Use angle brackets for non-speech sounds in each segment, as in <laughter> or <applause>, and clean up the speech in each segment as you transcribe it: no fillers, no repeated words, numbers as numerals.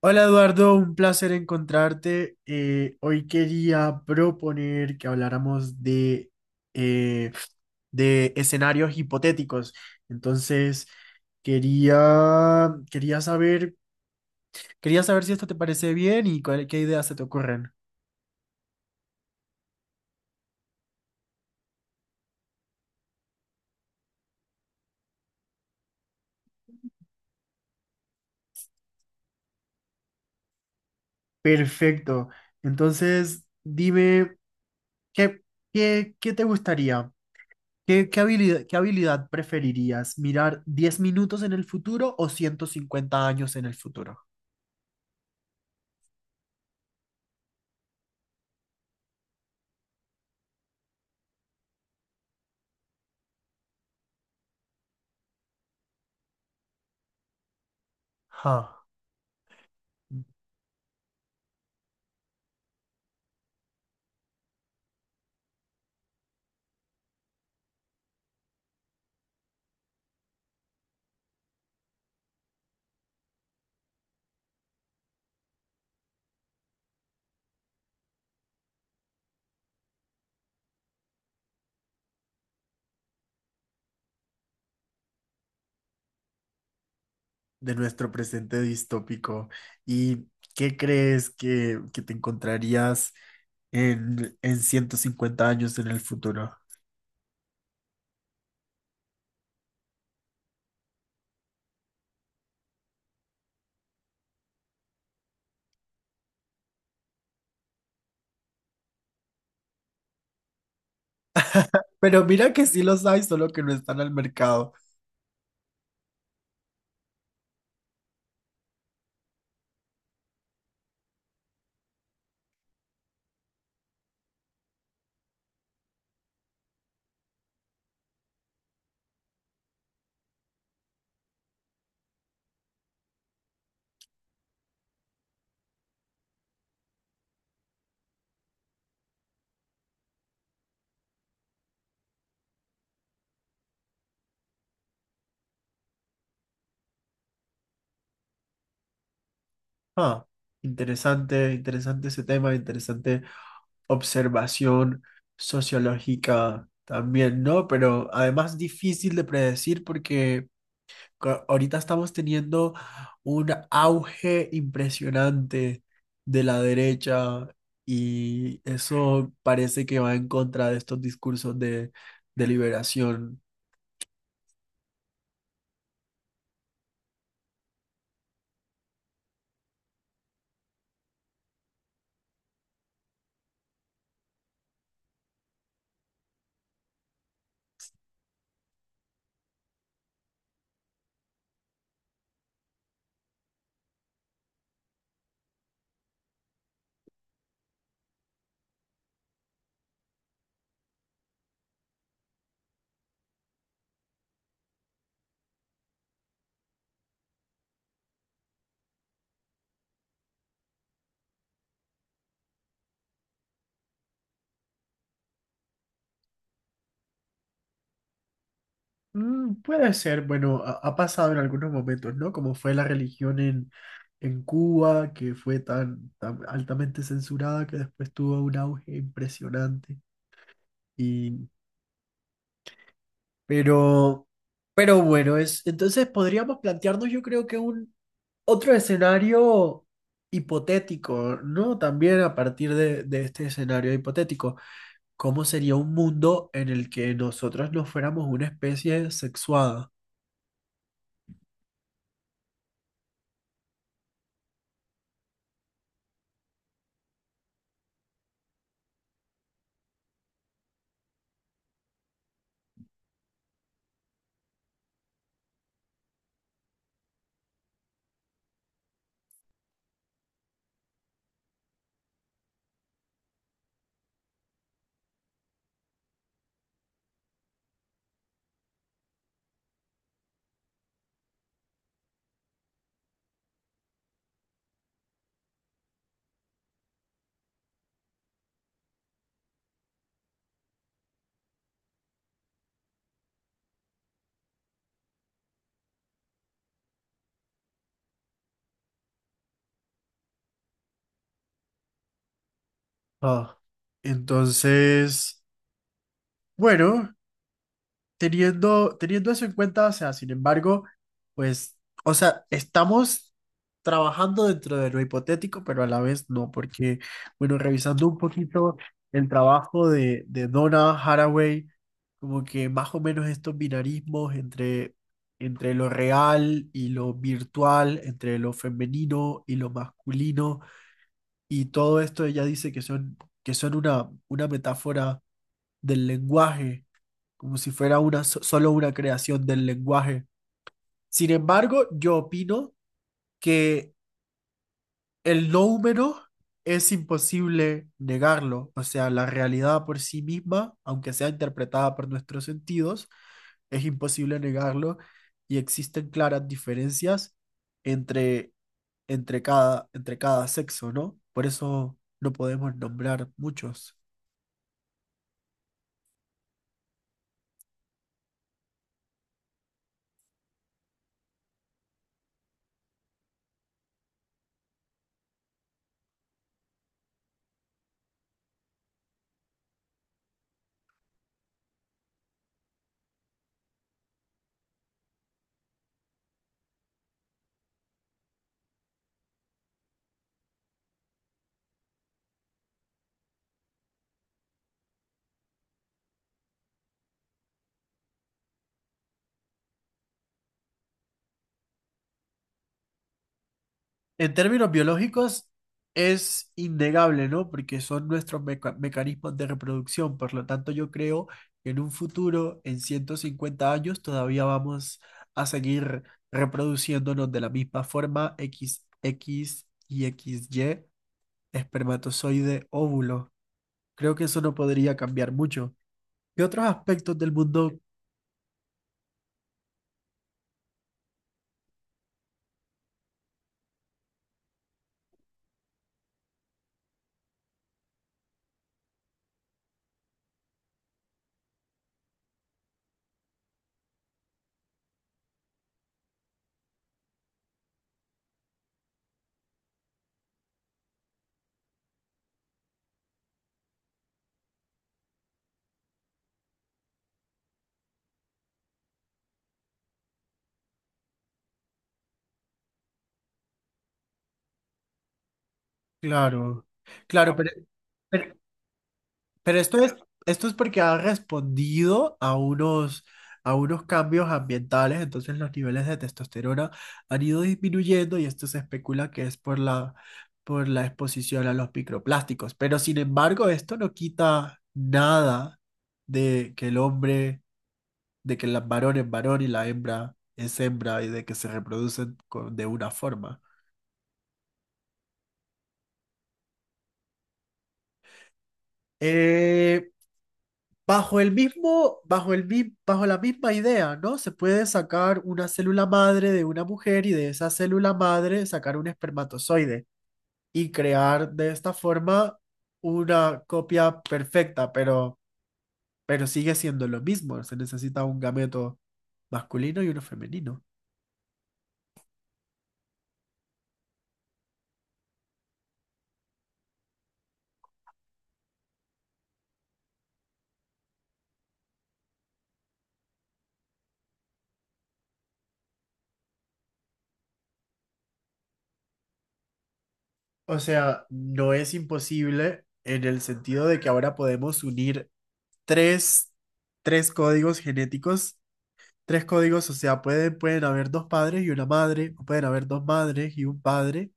Hola Eduardo, un placer encontrarte. Hoy quería proponer que habláramos eh, de escenarios hipotéticos. Entonces, quería, quería saber, quería saber si esto te parece bien y qué ideas se te ocurren. Perfecto. Entonces, dime, ¿qué, qué te gustaría? ¿Qué habilidad preferirías? ¿Mirar 10 minutos en el futuro o 150 años en el futuro? Ja. De nuestro presente distópico. ¿Y qué crees que te encontrarías en 150 años en el futuro? Pero mira que sí los hay, solo que no están al mercado. Ah, interesante, interesante ese tema, interesante observación sociológica también, ¿no? Pero además difícil de predecir porque ahorita estamos teniendo un auge impresionante de la derecha y eso parece que va en contra de estos discursos de liberación. Puede ser, bueno, ha pasado en algunos momentos, ¿no? Como fue la religión en Cuba, que fue tan, tan altamente censurada que después tuvo un auge impresionante. Y, pero, pero bueno, entonces podríamos plantearnos, yo creo que un Otro escenario hipotético, ¿no? También a partir de este escenario hipotético, ¿cómo sería un mundo en el que nosotros no fuéramos una especie sexuada? Ah, entonces, bueno. Teniendo eso en cuenta, o sea, sin embargo, pues, o sea, estamos trabajando dentro de lo hipotético, pero a la vez no, porque, bueno, revisando un poquito el trabajo de Donna Haraway, como que más o menos estos binarismos entre lo real y lo virtual, entre lo femenino y lo masculino, y todo esto ella dice que son, una metáfora del lenguaje como si fuera solo una creación del lenguaje. Sin embargo, yo opino que el no humano es imposible negarlo, o sea, la realidad por sí misma, aunque sea interpretada por nuestros sentidos, es imposible negarlo y existen claras diferencias entre, entre cada sexo, ¿no? Por eso no podemos nombrar muchos. En términos biológicos, es innegable, ¿no? Porque son nuestros mecanismos de reproducción. Por lo tanto, yo creo que en un futuro, en 150 años, todavía vamos a seguir reproduciéndonos de la misma forma x x y x y espermatozoide, óvulo. Creo que eso no podría cambiar mucho. ¿Qué otros aspectos del mundo? Claro, claro. Ah, pero, Pero esto es porque ha respondido a unos, cambios ambientales, entonces los niveles de testosterona han ido disminuyendo y esto se especula que es por la exposición a los microplásticos. Pero sin embargo, esto no quita nada de que el hombre, de que el varón es varón y la hembra es hembra y de que se de una forma. Eh, Bajo el mismo, bajo el, mi- bajo la misma idea, ¿no? Se puede sacar una célula madre de una mujer y de esa célula madre sacar un espermatozoide y crear de esta forma una copia perfecta, pero sigue siendo lo mismo. Se necesita un gameto masculino y uno femenino. O sea, no es imposible en el sentido de que ahora podemos unir tres, tres códigos genéticos tres códigos, o sea, pueden haber dos padres y una madre, o pueden haber dos madres y un padre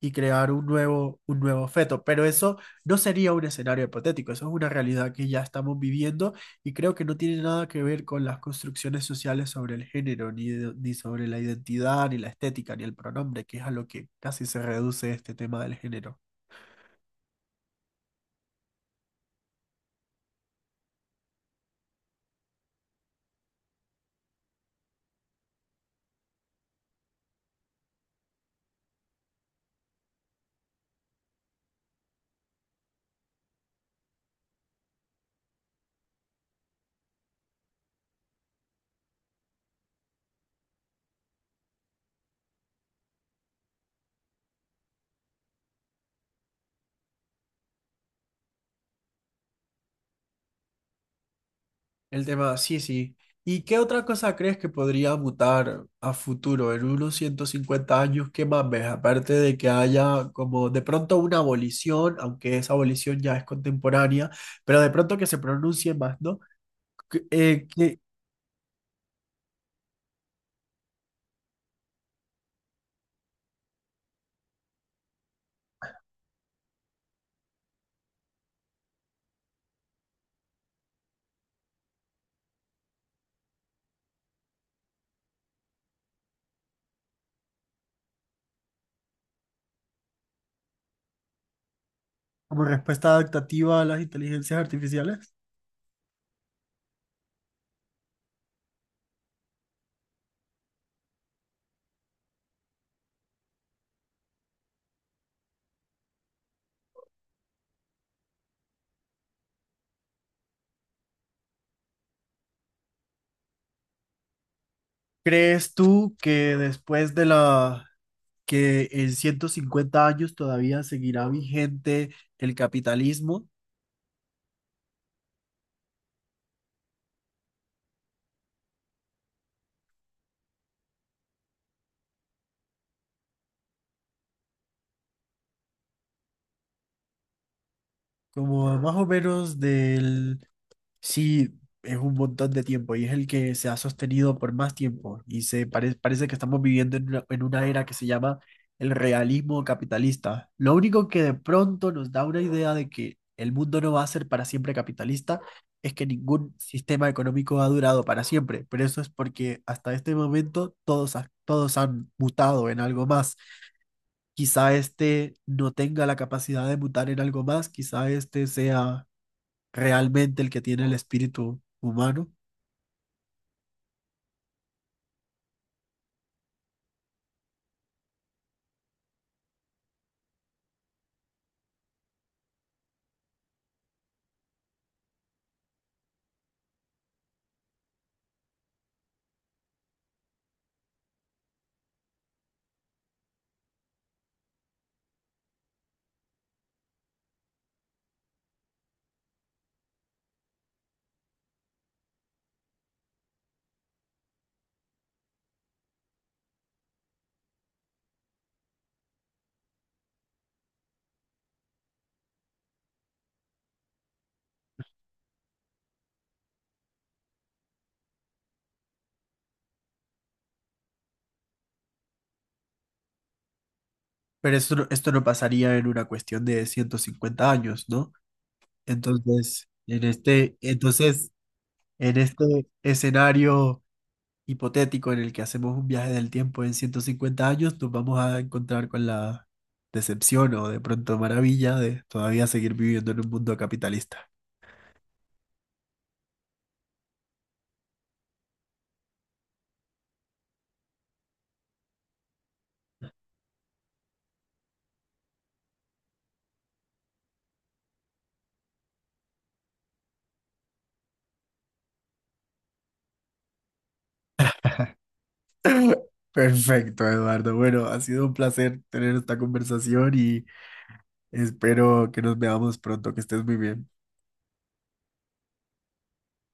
y crear un nuevo feto. Pero eso no sería un escenario hipotético, eso es una realidad que ya estamos viviendo y creo que no tiene nada que ver con las construcciones sociales sobre el género, ni sobre la identidad, ni la estética, ni el pronombre, que es a lo que casi se reduce este tema del género. El tema, sí, sí. ¿Y qué otra cosa crees que podría mutar a futuro, en unos 150 años, qué más ves, aparte de que haya como de pronto una abolición, aunque esa abolición ya es contemporánea, pero de pronto que se pronuncie más, ¿no? Que- eh, que- Como respuesta adaptativa a las inteligencias artificiales. ¿Crees tú que después de que en 150 años todavía seguirá vigente el capitalismo? Como más o menos del. Sí, es un montón de tiempo y es el que se ha sostenido por más tiempo y se parece que estamos viviendo en una, era que se llama el realismo capitalista. Lo único que de pronto nos da una idea de que el mundo no va a ser para siempre capitalista es que ningún sistema económico ha durado para siempre, pero eso es porque hasta este momento todos han mutado en algo más. Quizá este no tenga la capacidad de mutar en algo más, quizá este sea realmente el que tiene el espíritu humano, pero esto no pasaría en una cuestión de 150 años, ¿no? Entonces, en este, entonces, en este escenario hipotético en el que hacemos un viaje del tiempo en 150 años, nos vamos a encontrar con la decepción o de pronto maravilla de todavía seguir viviendo en un mundo capitalista. <coughs> <laughs> Perfecto, Eduardo. Bueno, ha sido un placer tener esta conversación y espero que nos veamos pronto, que estés muy bien.